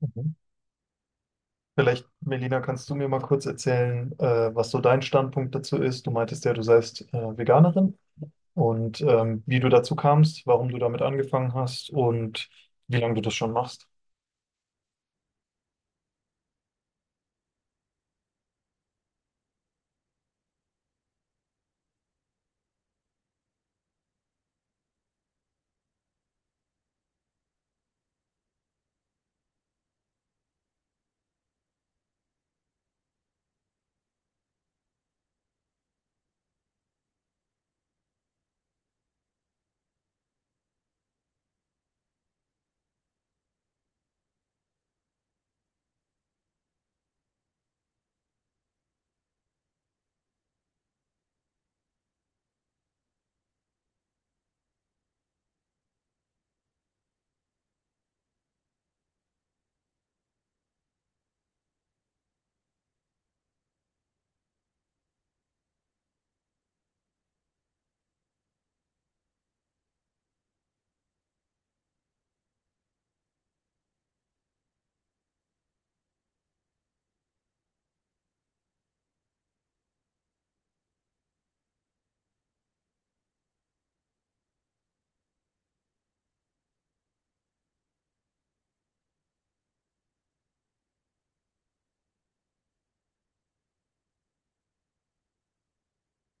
Mhm. Vielleicht, Melina, kannst du mir mal kurz erzählen, was so dein Standpunkt dazu ist? Du meintest ja, du seist Veganerin und wie du dazu kamst, warum du damit angefangen hast und wie lange du das schon machst.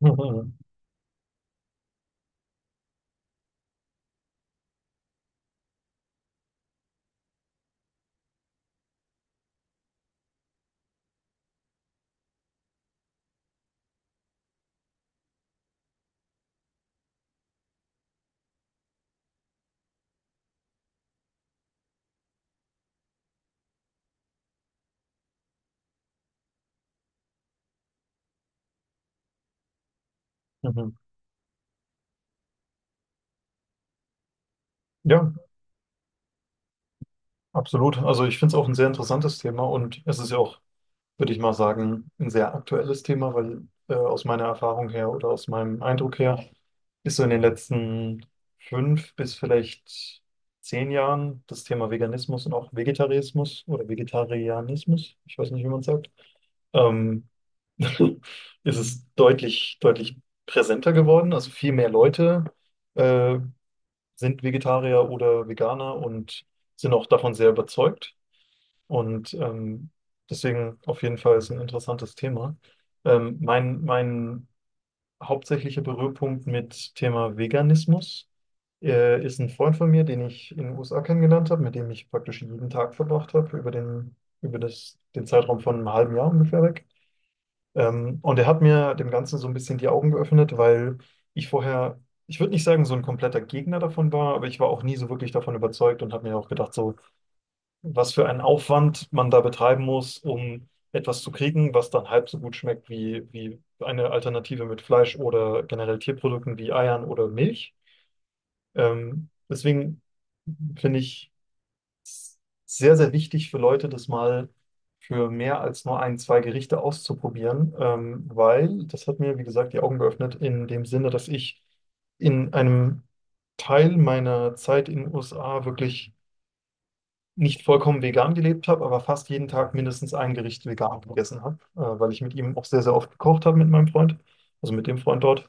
Mhm. Mhm. Ja, absolut. Also ich finde es auch ein sehr interessantes Thema und es ist ja auch, würde ich mal sagen, ein sehr aktuelles Thema, weil aus meiner Erfahrung her oder aus meinem Eindruck her ist so in den letzten 5 bis vielleicht 10 Jahren das Thema Veganismus und auch Vegetarismus oder Vegetarianismus, ich weiß nicht, wie man es sagt, ähm, ist es deutlich, deutlich präsenter geworden. Also viel mehr Leute äh, sind Vegetarier oder Veganer und sind auch davon sehr überzeugt. Und deswegen auf jeden Fall ist ein interessantes Thema. Mein hauptsächlicher Berührpunkt mit Thema Veganismus ist ein Freund von mir, den ich in den USA kennengelernt habe, mit dem ich praktisch jeden Tag verbracht habe, über den, über das, den Zeitraum von einem halben Jahr ungefähr weg. Und er hat mir dem Ganzen so ein bisschen die Augen geöffnet, weil ich vorher, ich würde nicht sagen, so ein kompletter Gegner davon war, aber ich war auch nie so wirklich davon überzeugt und habe mir auch gedacht, so, was für einen Aufwand man da betreiben muss, um etwas zu kriegen, was dann halb so gut schmeckt wie, eine Alternative mit Fleisch oder generell Tierprodukten wie Eiern oder Milch. Deswegen finde ich es sehr, sehr wichtig für Leute, das mal für mehr als nur ein, zwei Gerichte auszuprobieren, weil das hat mir, wie gesagt, die Augen geöffnet in dem Sinne, dass ich in einem Teil meiner Zeit in den USA wirklich nicht vollkommen vegan gelebt habe, aber fast jeden Tag mindestens ein Gericht vegan gegessen habe, weil ich mit ihm auch sehr, sehr oft gekocht habe mit meinem Freund, also mit dem Freund dort.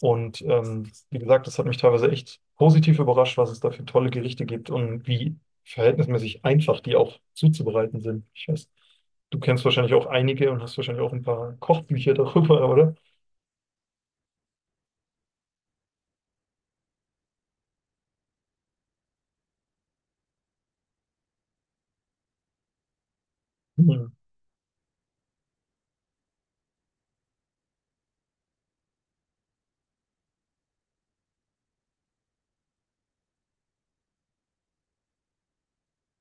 Und wie gesagt, das hat mich teilweise echt positiv überrascht, was es da für tolle Gerichte gibt und wie verhältnismäßig einfach die auch zuzubereiten sind. Ich weiß, du kennst wahrscheinlich auch einige und hast wahrscheinlich auch ein paar Kochbücher darüber, oder? Mhm.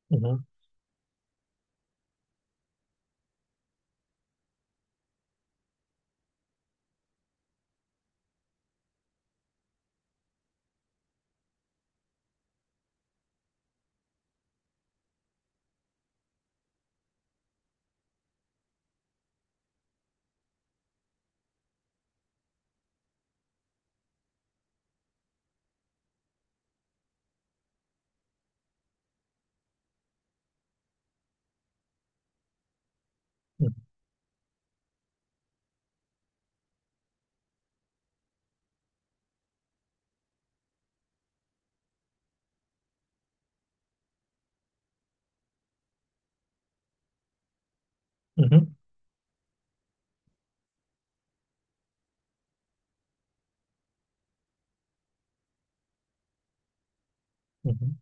Mhm. Mhm. Mhm. Mhm.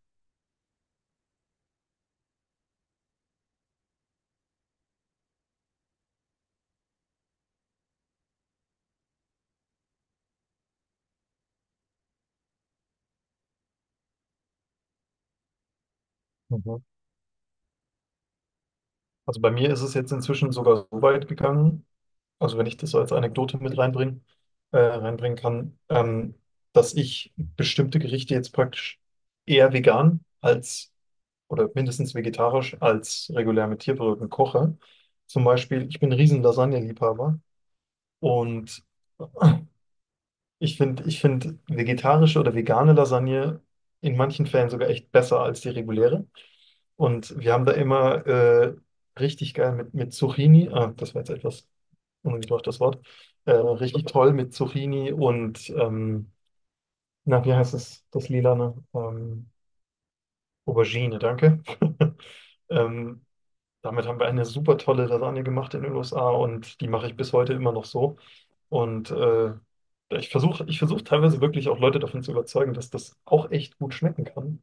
Also bei mir ist es jetzt inzwischen sogar so weit gegangen, also wenn ich das so als Anekdote mit reinbringen kann, dass ich bestimmte Gerichte jetzt praktisch eher vegan als oder mindestens vegetarisch als regulär mit Tierprodukten koche. Zum Beispiel, ich bin ein riesen Lasagne-Liebhaber und ich find vegetarische oder vegane Lasagne in manchen Fällen sogar echt besser als die reguläre. Und wir haben da immer richtig geil mit Zucchini, ah, das war jetzt etwas ungebraucht das Wort, richtig toll mit Zucchini und, na, wie heißt es, das Lilane? Aubergine, danke. Ähm, damit haben wir eine super tolle Lasagne gemacht in den USA und die mache ich bis heute immer noch so. Und ich versuche teilweise wirklich auch Leute davon zu überzeugen, dass das auch echt gut schmecken kann.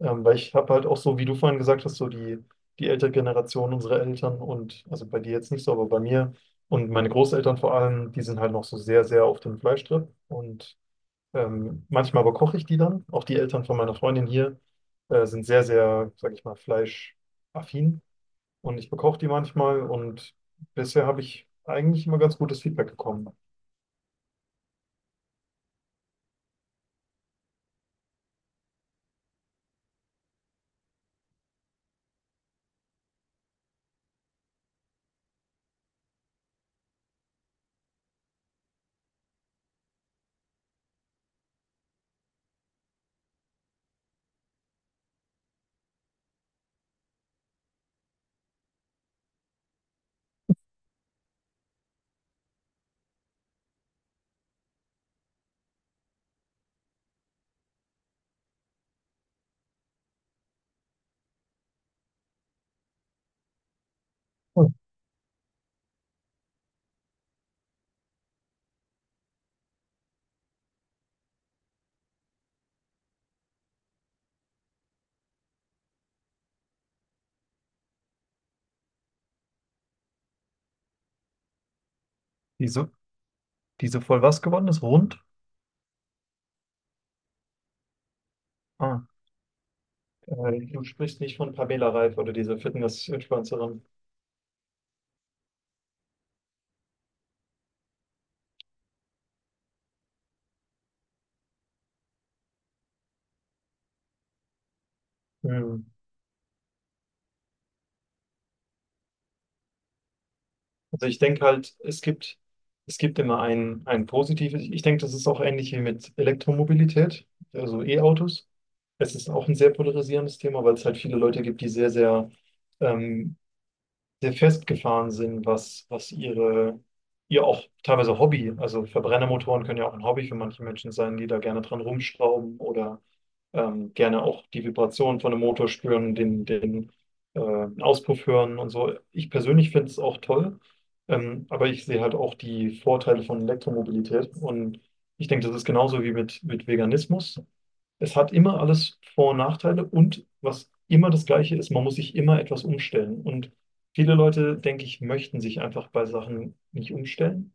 Weil ich habe halt auch so, wie du vorhin gesagt hast, so die ältere Generation, unsere Eltern und, also bei dir jetzt nicht so, aber bei mir und meine Großeltern vor allem, die sind halt noch so sehr, sehr auf dem Fleischtrip. Und manchmal aber koche ich die dann. Auch die Eltern von meiner Freundin hier sind sehr, sehr, sag ich mal, fleischaffin. Und ich bekoche die manchmal und bisher habe ich eigentlich immer ganz gutes Feedback bekommen. Oh, Diese, diese voll was geworden ist? Rund? Ah, du sprichst nicht von Pamela Reif oder dieser Fitness-Influencerin. Hm. Also ich denke halt, es gibt immer ein positives. Ich denke, das ist auch ähnlich wie mit Elektromobilität, also E-Autos. Es ist auch ein sehr polarisierendes Thema, weil es halt viele Leute gibt, die sehr, sehr ähm, sehr festgefahren sind, was ihre, ihr auch teilweise Hobby, also Verbrennermotoren können ja auch ein Hobby für manche Menschen sein, die da gerne dran rumschrauben oder gerne auch die Vibration von einem Motor spüren, den Auspuff hören und so. Ich persönlich finde es auch toll, aber ich sehe halt auch die Vorteile von Elektromobilität und ich denke, das ist genauso wie mit Veganismus. Es hat immer alles Vor- und Nachteile und was immer das Gleiche ist, man muss sich immer etwas umstellen. Und viele Leute, denke ich, möchten sich einfach bei Sachen nicht umstellen,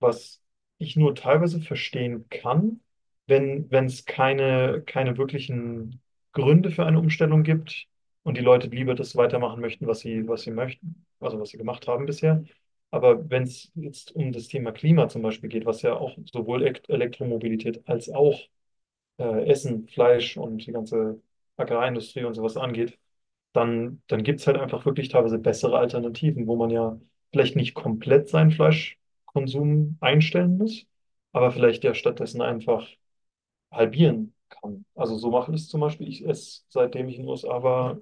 was ich nur teilweise verstehen kann, wenn es keine wirklichen Gründe für eine Umstellung gibt und die Leute lieber das weitermachen möchten, was sie möchten, also was sie gemacht haben bisher. Aber wenn es jetzt um das Thema Klima zum Beispiel geht, was ja auch sowohl Elektromobilität als auch Essen, Fleisch und die ganze Bäckereiindustrie und sowas angeht, dann gibt es halt einfach wirklich teilweise bessere Alternativen, wo man ja vielleicht nicht komplett seinen Fleischkonsum einstellen muss, aber vielleicht ja stattdessen einfach halbieren kann. Also so mache ich es zum Beispiel. Ich esse, seitdem ich in den USA war,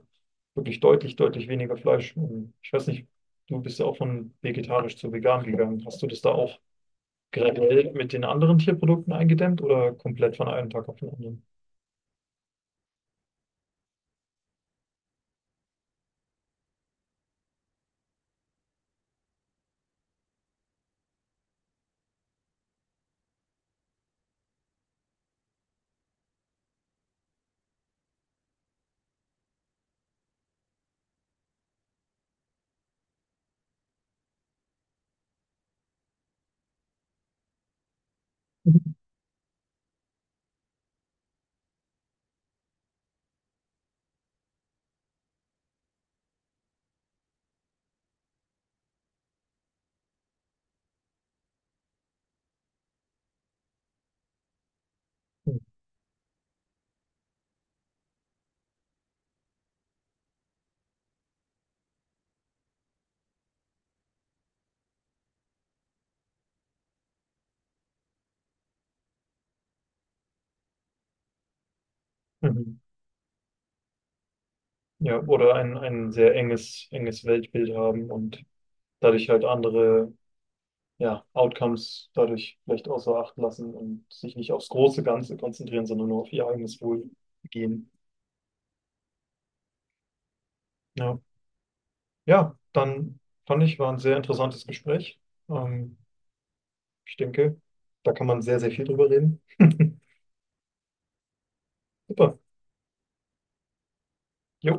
wirklich deutlich, deutlich weniger Fleisch. Und ich weiß nicht, du bist ja auch von vegetarisch zu vegan gegangen. Hast du das da auch graduell mit den anderen Tierprodukten eingedämmt oder komplett von einem Tag auf den anderen? Mhm. Ja, oder ein sehr enges, enges Weltbild haben und dadurch halt andere, ja, Outcomes dadurch vielleicht außer Acht lassen und sich nicht aufs große Ganze konzentrieren, sondern nur auf ihr eigenes Wohlgehen. Ja, ja, dann fand ich, war ein sehr interessantes Gespräch. Ähm, ich denke, da kann man sehr, sehr viel drüber reden. Super. Jo.